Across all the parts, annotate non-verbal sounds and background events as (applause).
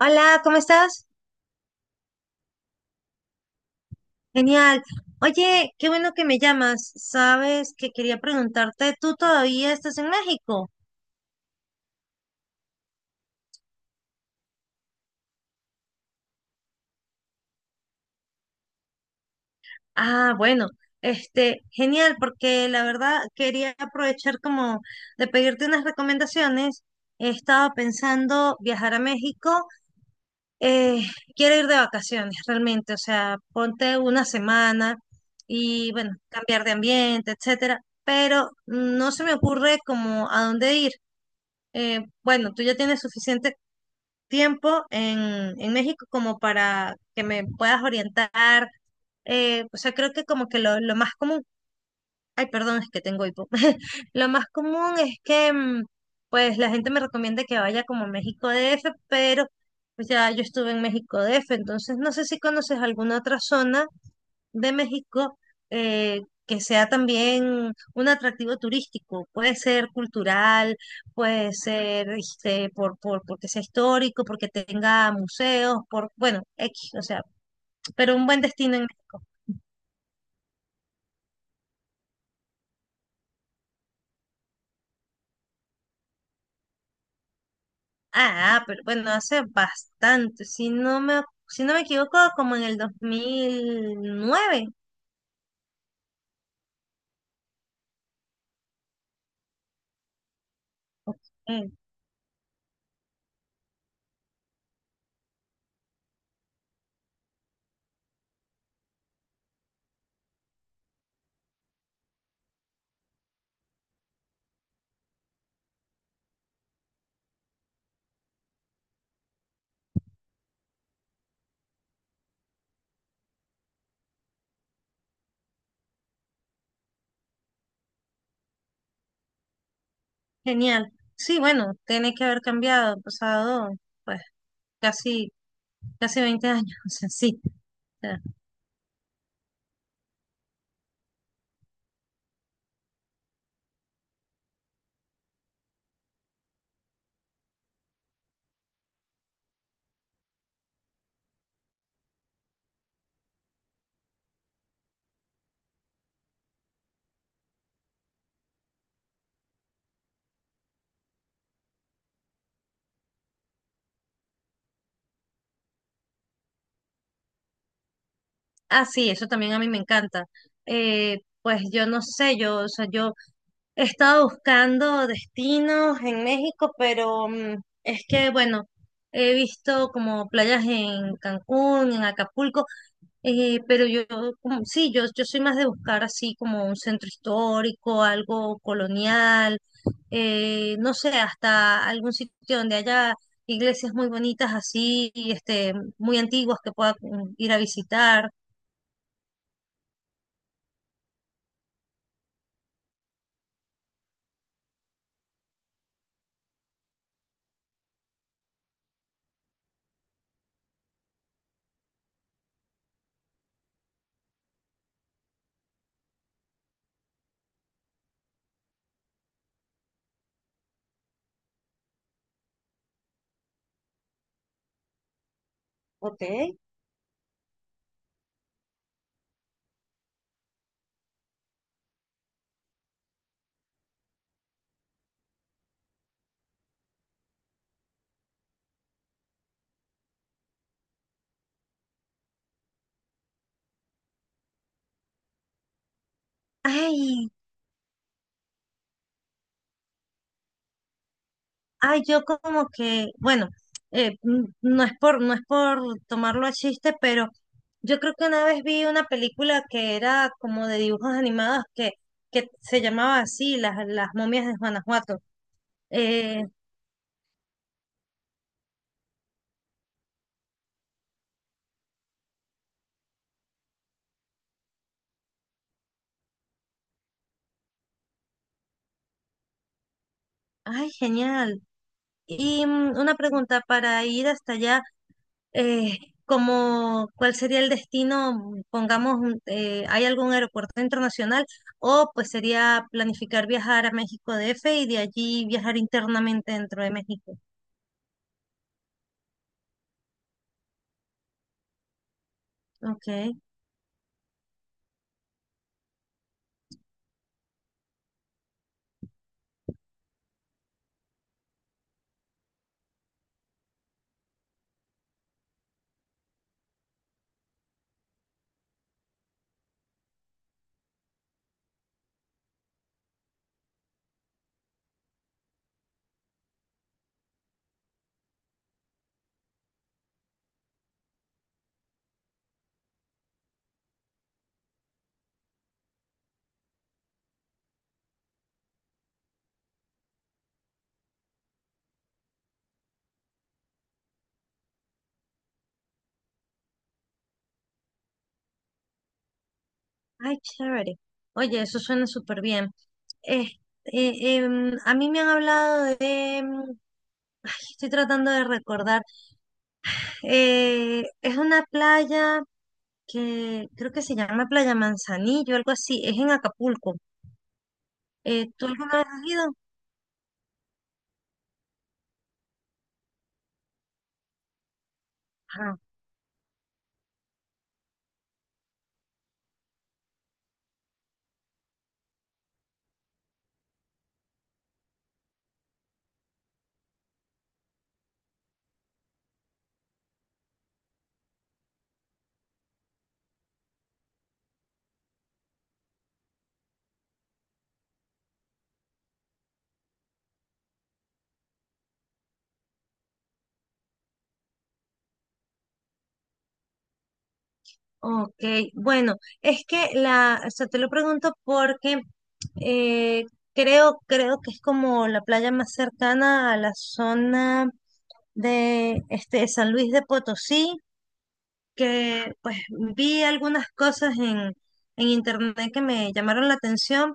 Hola, ¿cómo estás? Genial. Oye, qué bueno que me llamas. Sabes que quería preguntarte, ¿tú todavía estás en México? Ah, bueno, genial, porque la verdad quería aprovechar como de pedirte unas recomendaciones. He estado pensando viajar a México. eh, Quiero ir de vacaciones realmente, o sea, ponte una semana y bueno, cambiar de ambiente, etcétera, pero no se me ocurre como a dónde ir. Bueno, tú ya tienes suficiente tiempo en México como para que me puedas orientar. O sea, creo que como que lo más común, ay, perdón, es que tengo hipo. (laughs) Lo más común es que, pues, la gente me recomienda que vaya como a México DF, pero pues ya yo estuve en México DF, entonces no sé si conoces alguna otra zona de México. Que sea también un atractivo turístico. Puede ser cultural, puede ser este, porque sea histórico, porque tenga museos, por, bueno, X, o sea, pero un buen destino en México. Pero bueno, hace bastante, si no me equivoco, como en el 2009. Ok. Genial. Sí, bueno, tiene que haber cambiado, pasado, pues, casi, casi 20 años, (laughs) o sea, sí. Ah, sí, eso también a mí me encanta. Pues yo no sé, o sea, yo he estado buscando destinos en México, pero es que, bueno, he visto como playas en Cancún, en Acapulco, eh, pero yo, como, sí, yo soy más de buscar así como un centro histórico, algo colonial, no sé, hasta algún sitio donde haya iglesias muy bonitas así, este, muy antiguas que pueda ir a visitar. Ok. Ay. Yo como que, bueno, no es por, no es por tomarlo a chiste, pero yo creo que una vez vi una película que era como de dibujos animados que se llamaba así, las momias de Guanajuato. Eh, Ay, genial. Y una pregunta para ir hasta allá. eh, Como cuál sería el destino, pongamos, ¿hay algún aeropuerto internacional? O pues sería planificar viajar a México DF y de allí viajar internamente dentro de México. Okay. Ay, chévere. Oye, eso suena súper bien. Eh, a mí me han hablado de, em, estoy tratando de recordar, es una playa que creo que se llama Playa Manzanillo, algo así, es en Acapulco. ¿Tú alguna vez has ido? Ok, bueno, es que la, o sea, te lo pregunto porque eh, creo que es como la playa más cercana a la zona de este San Luis de Potosí, que pues vi algunas cosas en internet que me llamaron la atención,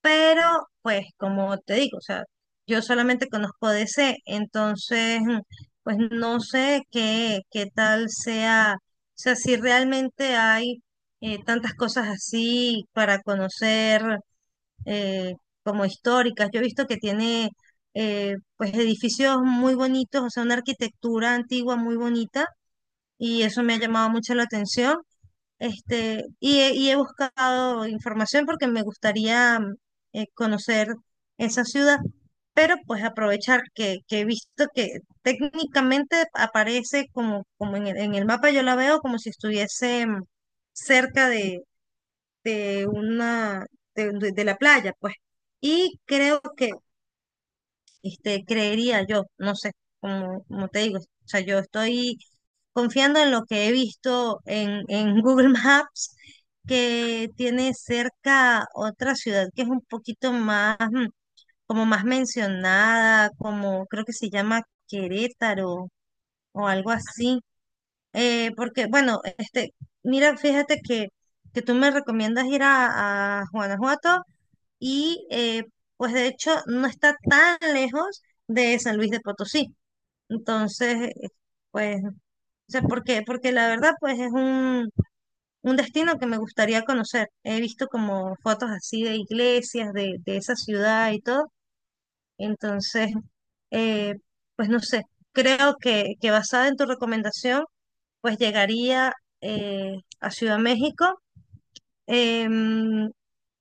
pero, pues, como te digo, o sea, yo solamente conozco DC, entonces, pues no sé qué, qué tal sea, o sea, si realmente hay tantas cosas así para conocer eh, como históricas. Yo he visto que tiene, pues, edificios muy bonitos, o sea, una arquitectura antigua muy bonita, y eso me ha llamado mucho la atención. Este, y he buscado información porque me gustaría conocer esa ciudad, pero pues aprovechar que he visto que técnicamente aparece como, como en en el mapa, yo la veo como si estuviese cerca de una de la playa, pues. Y creo que este, creería yo, no sé, como te digo, o sea, yo estoy confiando en lo que he visto en (laughs) Google Maps, que tiene cerca otra ciudad que es un poquito más, como más mencionada, como creo que se llama Querétaro o algo así. Porque, bueno, este, mira, que tú me recomiendas ir a Guanajuato y pues de hecho no está tan lejos de San Luis de Potosí. Entonces, pues, o sea, porque la verdad pues es un destino que me gustaría conocer. He visto como fotos así de iglesias, de esa ciudad y todo. Entonces, eh, pues no sé, creo que basada en tu recomendación, pues llegaría a Ciudad México. Em,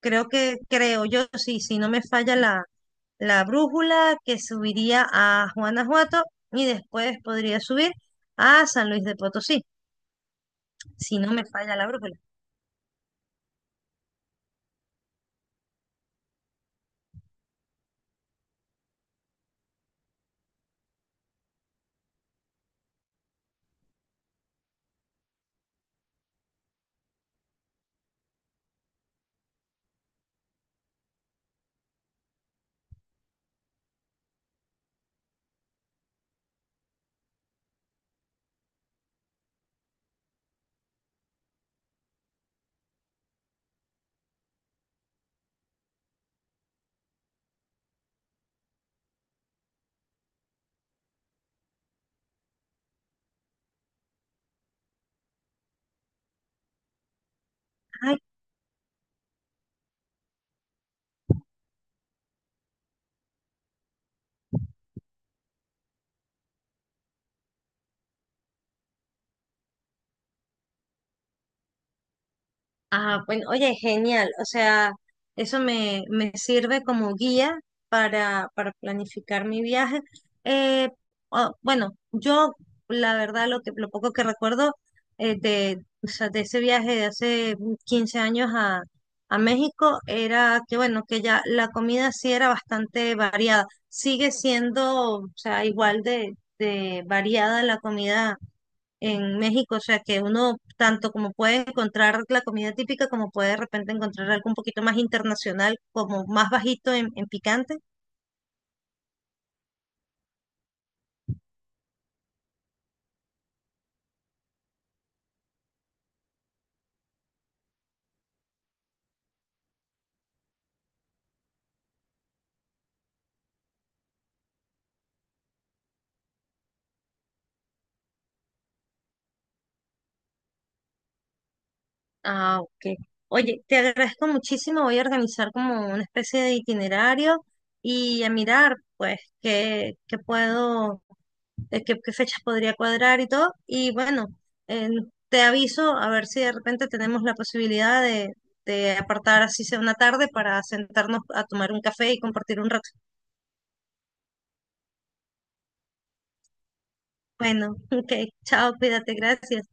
Creo que, creo yo, sí, si no me falla la brújula, que subiría a Guanajuato y después podría subir a San Luis de Potosí, si no me falla la brújula. Ay. Ah, bueno, oye, genial. O sea, eso me sirve como guía para planificar mi viaje. Eh, ah, bueno, yo la verdad lo que, lo poco que recuerdo de, o sea, de ese viaje de hace 15 años a México era que, bueno, que ya la comida sí era bastante variada. Sigue siendo, o sea, igual de variada la comida en México, o sea que uno tanto como puede encontrar la comida típica, como puede de repente encontrar algo un poquito más internacional, como más bajito en picante. Ah, ok. Oye, te agradezco muchísimo, voy a organizar como una especie de itinerario y a mirar pues qué, qué puedo, qué, qué fechas podría cuadrar y todo. Y bueno, eh, te aviso a ver si de repente tenemos la posibilidad de apartar así sea una tarde para sentarnos a tomar un café y compartir un rato. Bueno, (laughs) ok, chao, cuídate, gracias.